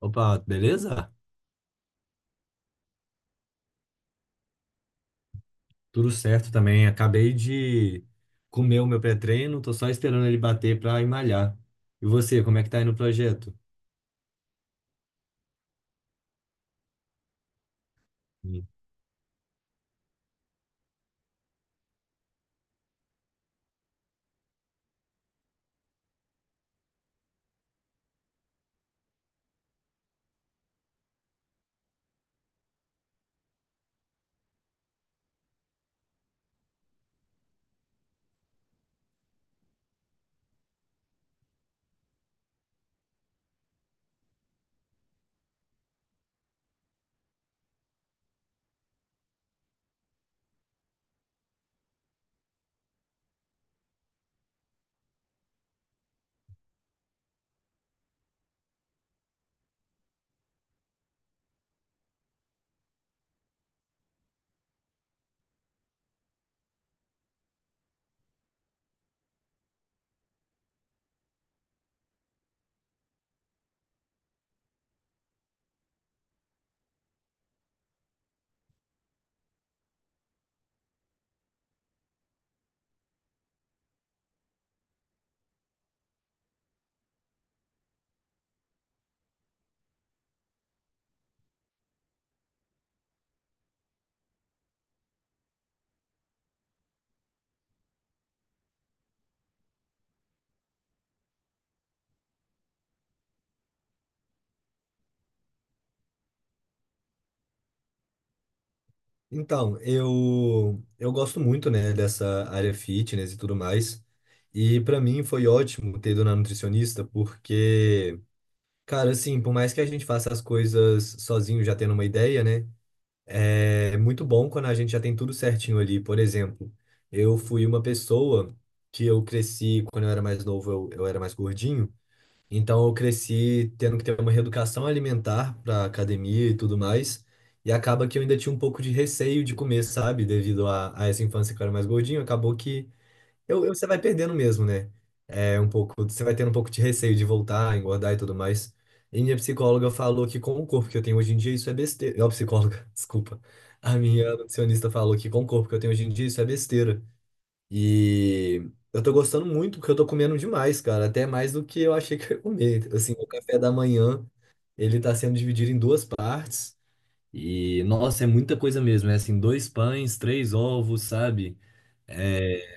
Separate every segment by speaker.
Speaker 1: Opa, beleza? Tudo certo também. Acabei de comer o meu pré-treino, tô só esperando ele bater pra ir malhar. E você, como é que tá aí no projeto? Hum. Então, eu gosto muito, né, dessa área fitness e tudo mais. E pra mim foi ótimo ter ido na nutricionista, porque, cara, assim, por mais que a gente faça as coisas sozinho já tendo uma ideia, né? É muito bom quando a gente já tem tudo certinho ali. Por exemplo, eu fui uma pessoa que eu cresci, quando eu era mais novo, eu era mais gordinho. Então, eu cresci tendo que ter uma reeducação alimentar para academia e tudo mais. E acaba que eu ainda tinha um pouco de receio de comer, sabe? Devido a essa infância que eu era mais gordinho, acabou que você vai perdendo mesmo, né? É um pouco, você vai tendo um pouco de receio de voltar, engordar e tudo mais. E minha psicóloga falou que com o corpo que eu tenho hoje em dia, isso é besteira. Não, psicóloga, desculpa. A minha nutricionista falou que com o corpo que eu tenho hoje em dia, isso é besteira. E eu tô gostando muito, porque eu tô comendo demais, cara. Até mais do que eu achei que eu ia comer. Assim, o café da manhã, ele tá sendo dividido em duas partes. E, nossa, é muita coisa mesmo. É assim, dois pães, três ovos, sabe? É,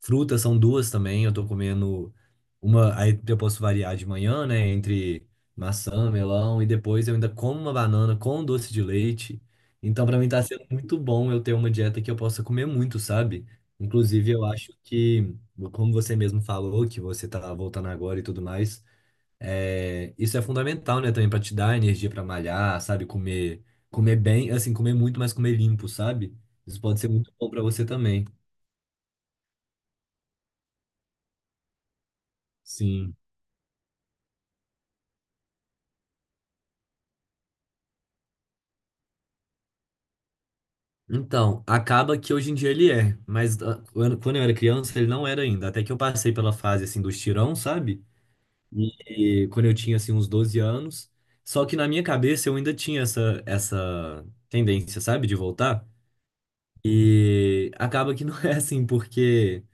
Speaker 1: frutas são duas também. Eu tô comendo uma. Aí eu posso variar de manhã, né? Entre maçã, melão, e depois eu ainda como uma banana com doce de leite. Então, pra mim, tá sendo muito bom eu ter uma dieta que eu possa comer muito, sabe? Inclusive, eu acho que, como você mesmo falou, que você tá voltando agora e tudo mais, é, isso é fundamental, né? Também pra te dar energia pra malhar, sabe? Comer, comer bem, assim, comer muito, mas comer limpo, sabe? Isso pode ser muito bom pra você também. Sim. Então, acaba que hoje em dia ele é, mas ah, quando eu era criança ele não era ainda, até que eu passei pela fase assim dos tirão, sabe? E quando eu tinha assim uns 12 anos, só que na minha cabeça eu ainda tinha essa tendência, sabe, de voltar. E acaba que não é assim, porque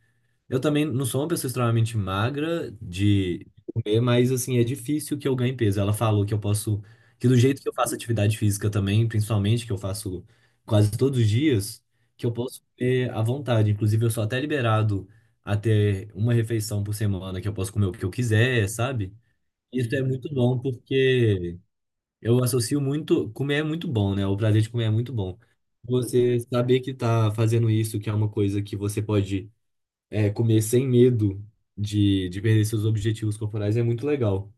Speaker 1: eu também não sou uma pessoa extremamente magra de comer, mas assim, é difícil que eu ganhe peso. Ela falou que eu posso, que do jeito que eu faço atividade física também, principalmente que eu faço quase todos os dias, que eu posso comer à vontade. Inclusive, eu sou até liberado a ter uma refeição por semana que eu posso comer o que eu quiser, sabe? Isso é muito bom porque eu associo muito, comer é muito bom, né? O prazer de comer é muito bom. Você saber que tá fazendo isso, que é uma coisa que você pode é, comer sem medo de perder seus objetivos corporais é muito legal.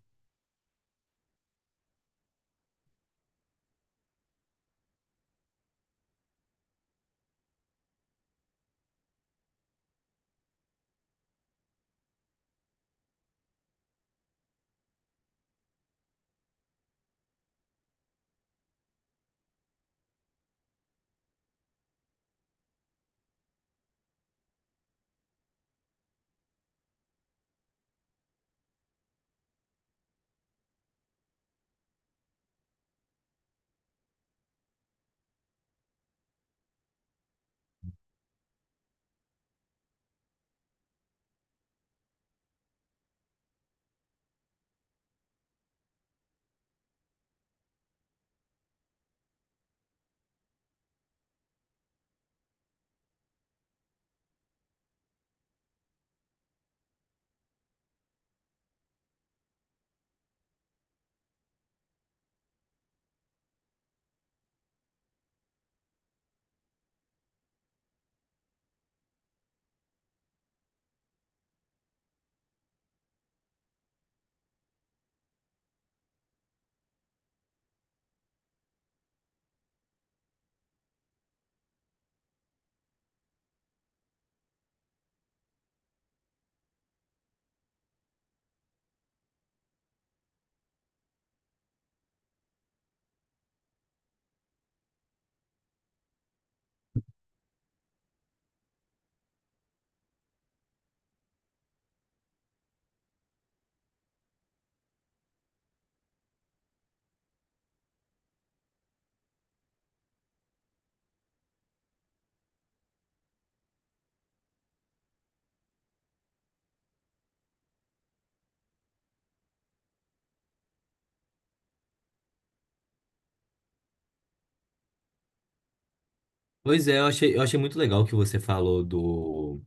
Speaker 1: Pois é, eu achei muito legal que você falou do,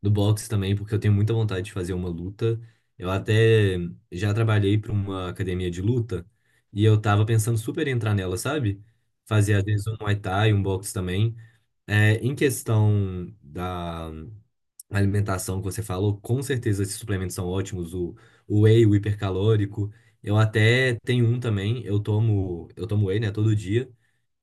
Speaker 1: do boxe também, porque eu tenho muita vontade de fazer uma luta. Eu até já trabalhei para uma academia de luta e eu tava pensando super em entrar nela, sabe? Fazer às vezes um Muay Thai, um boxe também. É, em questão da, a alimentação que você falou, com certeza esses suplementos são ótimos, o whey, o hipercalórico. Eu até tenho um também, eu tomo whey, né, todo dia.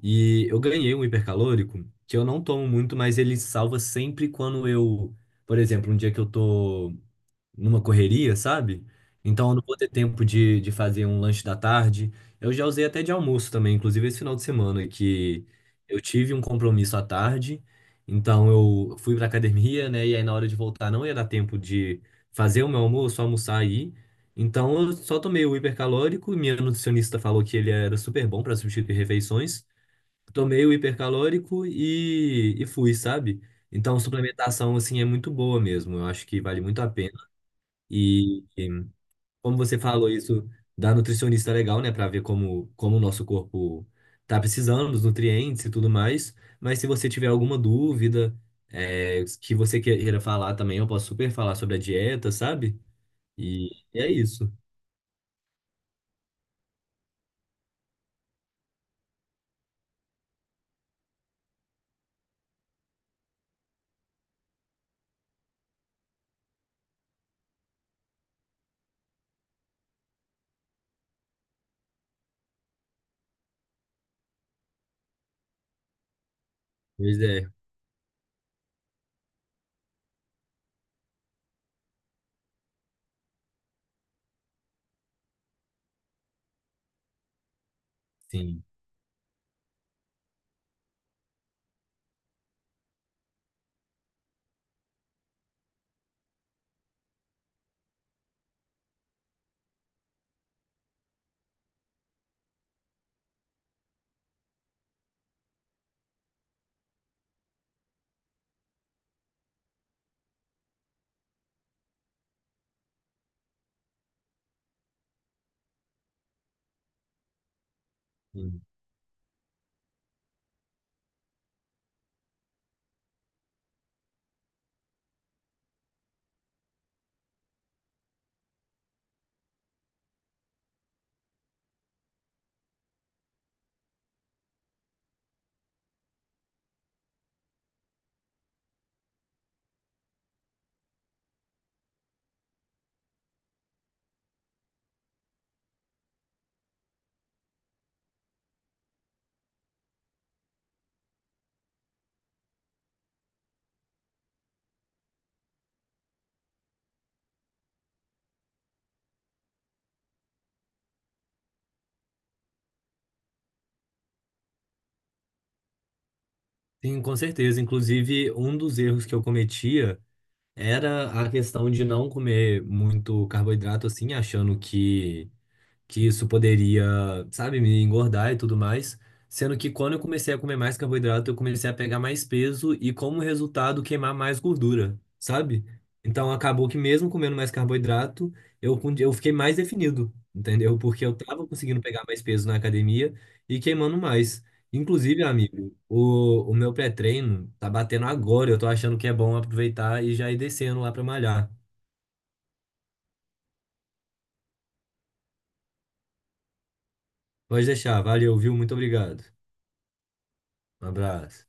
Speaker 1: E eu ganhei um hipercalórico que eu não tomo muito, mas ele salva sempre quando eu, por exemplo, um dia que eu tô numa correria, sabe? Então eu não vou ter tempo de fazer um lanche da tarde. Eu já usei até de almoço também, inclusive esse final de semana que eu tive um compromisso à tarde. Então eu fui pra academia, né? E aí na hora de voltar não ia dar tempo de fazer o meu almoço, almoçar aí. Então eu só tomei o hipercalórico. Minha nutricionista falou que ele era super bom para substituir refeições. Tomei o hipercalórico e fui, sabe? Então, suplementação, assim, é muito boa mesmo. Eu acho que vale muito a pena. E como você falou isso da nutricionista é legal, né, para ver como o nosso corpo tá precisando dos nutrientes e tudo mais. Mas se você tiver alguma dúvida é, que você queira falar também, eu posso super falar sobre a dieta, sabe? E é isso. Pois é, sim. Sim, sim, com certeza. Inclusive, um dos erros que eu cometia era a questão de não comer muito carboidrato, assim, achando que isso poderia, sabe, me engordar e tudo mais. Sendo que quando eu comecei a comer mais carboidrato, eu comecei a pegar mais peso e, como resultado, queimar mais gordura, sabe? Então acabou que mesmo comendo mais carboidrato, eu fiquei mais definido, entendeu? Porque eu tava conseguindo pegar mais peso na academia e queimando mais. Inclusive, amigo, o meu pré-treino tá batendo agora. Eu tô achando que é bom aproveitar e já ir descendo lá pra malhar. Pode deixar, valeu, viu? Muito obrigado. Um abraço.